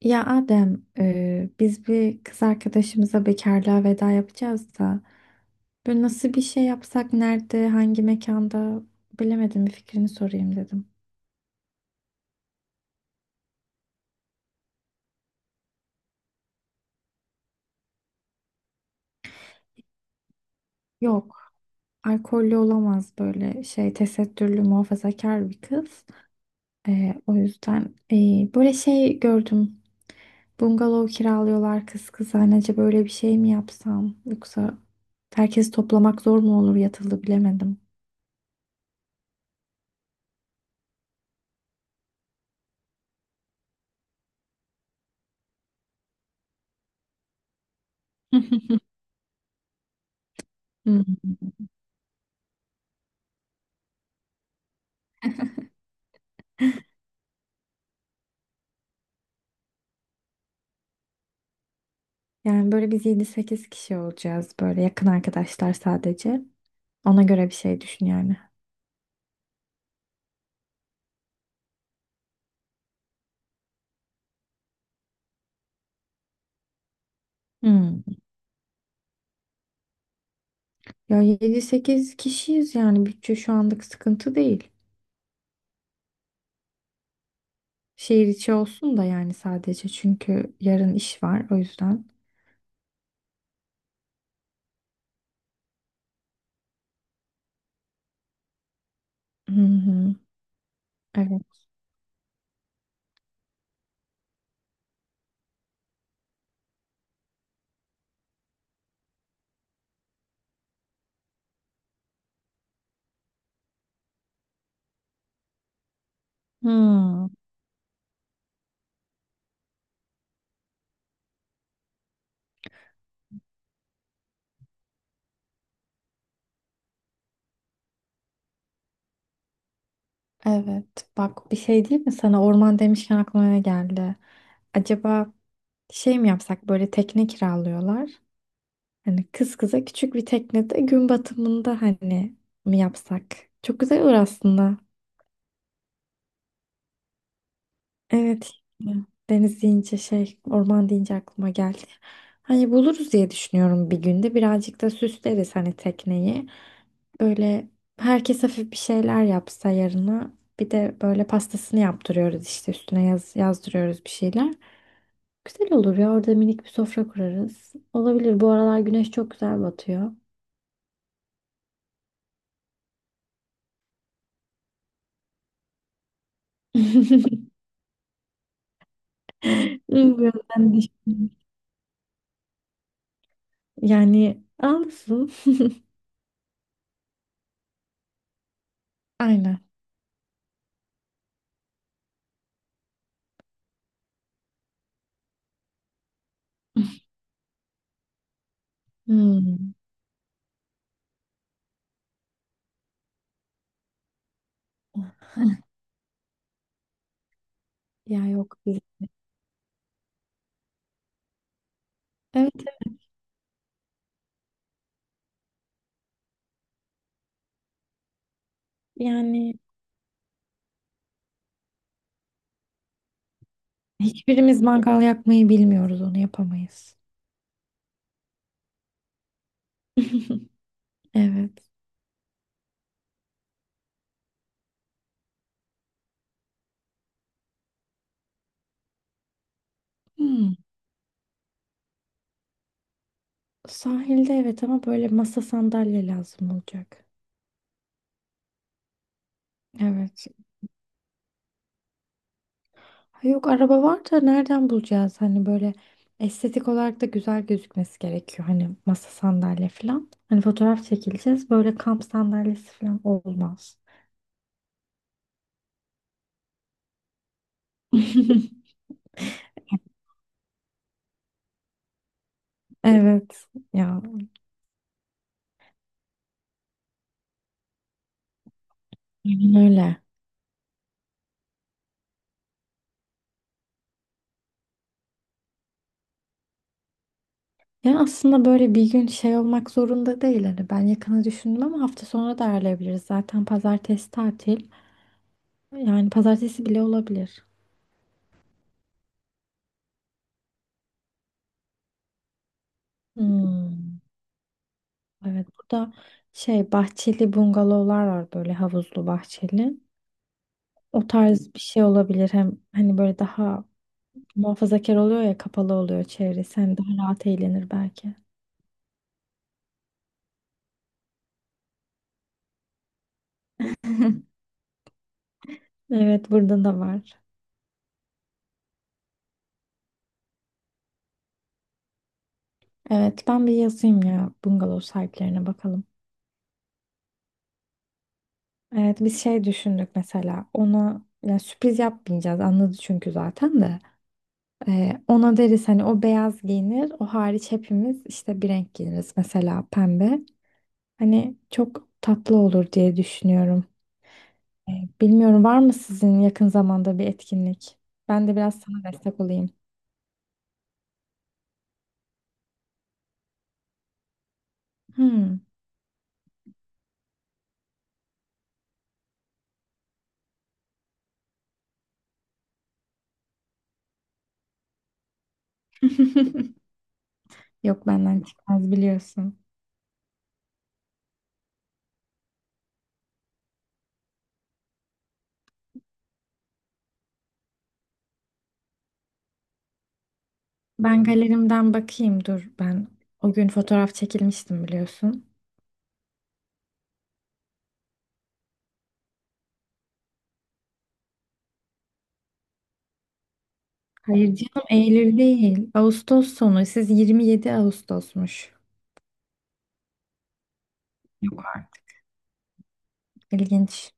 Ya Adem, biz bir kız arkadaşımıza bekarlığa veda yapacağız da böyle nasıl bir şey yapsak, nerede, hangi mekanda bilemedim bir fikrini sorayım dedim. Yok, alkollü olamaz böyle şey tesettürlü muhafazakar bir kız. O yüzden böyle şey gördüm. Bungalov kiralıyorlar kızanece böyle bir şey mi yapsam yoksa herkesi toplamak zor mu olur yatılı bilemedim. Hmm. Yani böyle biz yedi sekiz kişi olacağız böyle yakın arkadaşlar sadece. Ona göre bir şey düşün yani. Hmm. Ya 7-8 kişiyiz yani bütçe şu anlık sıkıntı değil. Şehir içi olsun da yani sadece çünkü yarın iş var o yüzden. Hı hı. Evet. Hmm. Evet. Bak bir şey diyeyim mi sana, orman demişken aklıma ne geldi? Acaba şey mi yapsak, böyle tekne kiralıyorlar. Hani kız kıza küçük bir teknede gün batımında hani mi yapsak? Çok güzel olur aslında. Evet. Deniz deyince şey, orman deyince aklıma geldi. Hani buluruz diye düşünüyorum bir günde. Birazcık da süsleriz hani tekneyi. Böyle herkes hafif bir şeyler yapsa yarına. Bir de böyle pastasını yaptırıyoruz işte, üstüne yazdırıyoruz bir şeyler. Güzel olur ya, orada minik bir sofra kurarız. Olabilir, bu aralar güneş çok güzel batıyor. Gözden diş. Yani alsın. Aynen. Hmm. Ya yok biz. Evet, evet. yani Hiçbirimiz mangal yakmayı bilmiyoruz, onu yapamayız. Evet. Hmm. Sahilde evet, ama böyle masa sandalye lazım olacak. Evet. Ha, yok araba var da nereden bulacağız? Hani böyle estetik olarak da güzel gözükmesi gerekiyor. Hani masa sandalye falan. Hani fotoğraf çekileceğiz. Böyle kamp sandalyesi falan olmaz. Evet ya, aynen öyle. Ya aslında böyle bir gün şey olmak zorunda değil. Hani ben yakını düşündüm ama hafta sonra da ayarlayabiliriz. Zaten pazartesi tatil. Yani pazartesi bile olabilir. Hmm. Evet, burada şey bahçeli bungalovlar var, böyle havuzlu bahçeli. O tarz bir şey olabilir. Hem hani böyle daha muhafazakar oluyor ya, kapalı oluyor çevresi. Hem daha rahat eğlenir belki. Evet, burada da var. Evet, ben bir yazayım ya bungalov sahiplerine, bakalım. Evet, biz şey düşündük mesela ona, yani sürpriz yapmayacağız, anladı çünkü zaten de. Ona deriz hani, o beyaz giyinir, o hariç hepimiz işte bir renk giyiniriz, mesela pembe, hani çok tatlı olur diye düşünüyorum. Ee, bilmiyorum var mı sizin yakın zamanda bir etkinlik? Ben de biraz sana destek olayım. Hmm. Yok, benden çıkmaz, biliyorsun. Ben galerimden bakayım dur, ben o gün fotoğraf çekilmiştim, biliyorsun. Hayır canım, Eylül değil. Ağustos sonu. Siz 27 Ağustos'muş. Yok artık. İlginç.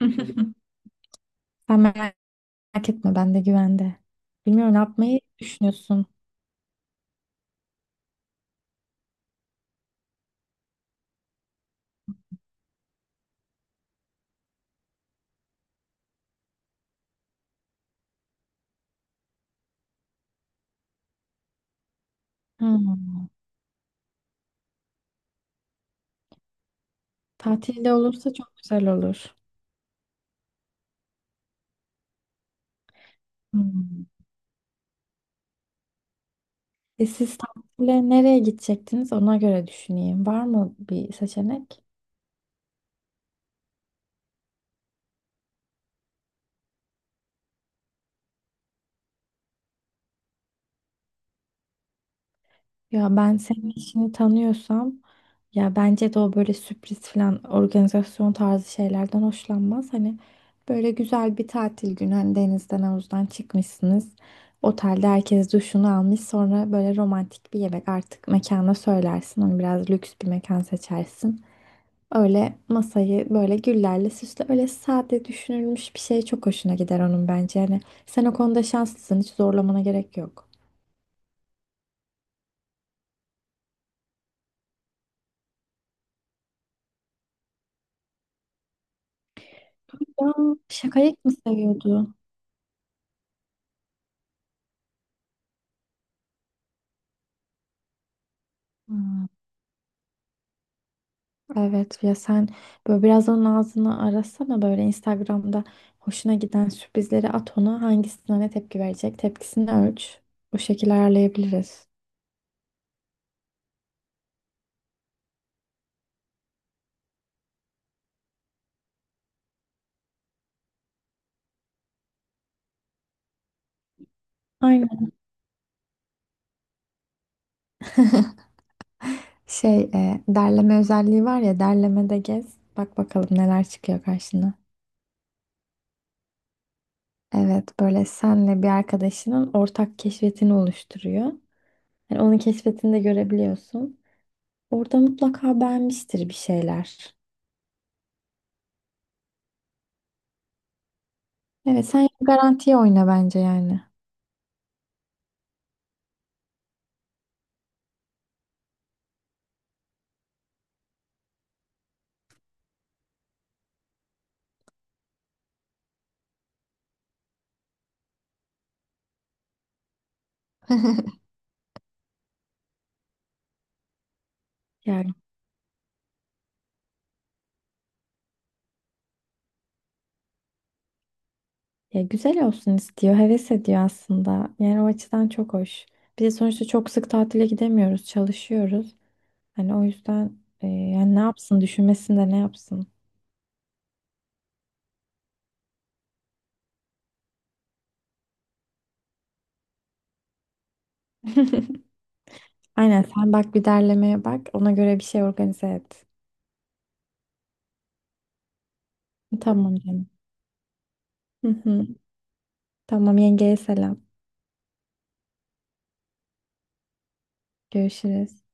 Sen merak etme, ben de güvende. Bilmiyorum ne yapmayı düşünüyorsun. Hmm. Tatilde olursa çok güzel olur. Hmm. E siz tatile nereye gidecektiniz, ona göre düşüneyim. Var mı bir seçenek? Ya ben senin işini tanıyorsam, ya bence de o böyle sürpriz falan organizasyon tarzı şeylerden hoşlanmaz. Hani böyle güzel bir tatil günü, hani denizden havuzdan çıkmışsınız. Otelde herkes duşunu almış, sonra böyle romantik bir yemek, artık mekana söylersin. Onu biraz lüks bir mekan seçersin. Öyle masayı böyle güllerle süsle, öyle sade düşünülmüş bir şey çok hoşuna gider onun bence. Hani sen o konuda şanslısın, hiç zorlamana gerek yok. Ya şakayık mı seviyordu? Hmm. Evet ya, sen böyle biraz onun ağzını arasana, böyle Instagram'da hoşuna giden sürprizleri at ona, hangisine ne tepki verecek, tepkisini ölç. Bu şekilde ayarlayabiliriz. Aynen. Şey derleme özelliği var ya, derlemede gez bak bakalım neler çıkıyor karşına. Evet, böyle senle bir arkadaşının ortak keşfetini oluşturuyor. Yani onun keşfetini de görebiliyorsun. Orada mutlaka beğenmiştir bir şeyler. Evet, sen garantiye oyna bence yani. Ya. Ya güzel olsun istiyor, heves ediyor aslında. Yani o açıdan çok hoş. Bir de sonuçta çok sık tatile gidemiyoruz, çalışıyoruz. Hani o yüzden yani ne yapsın, düşünmesin de ne yapsın. Aynen, sen bak bir derlemeye bak, ona göre bir şey organize et. Tamam canım. Hı hı. Tamam, yengeye selam. Görüşürüz.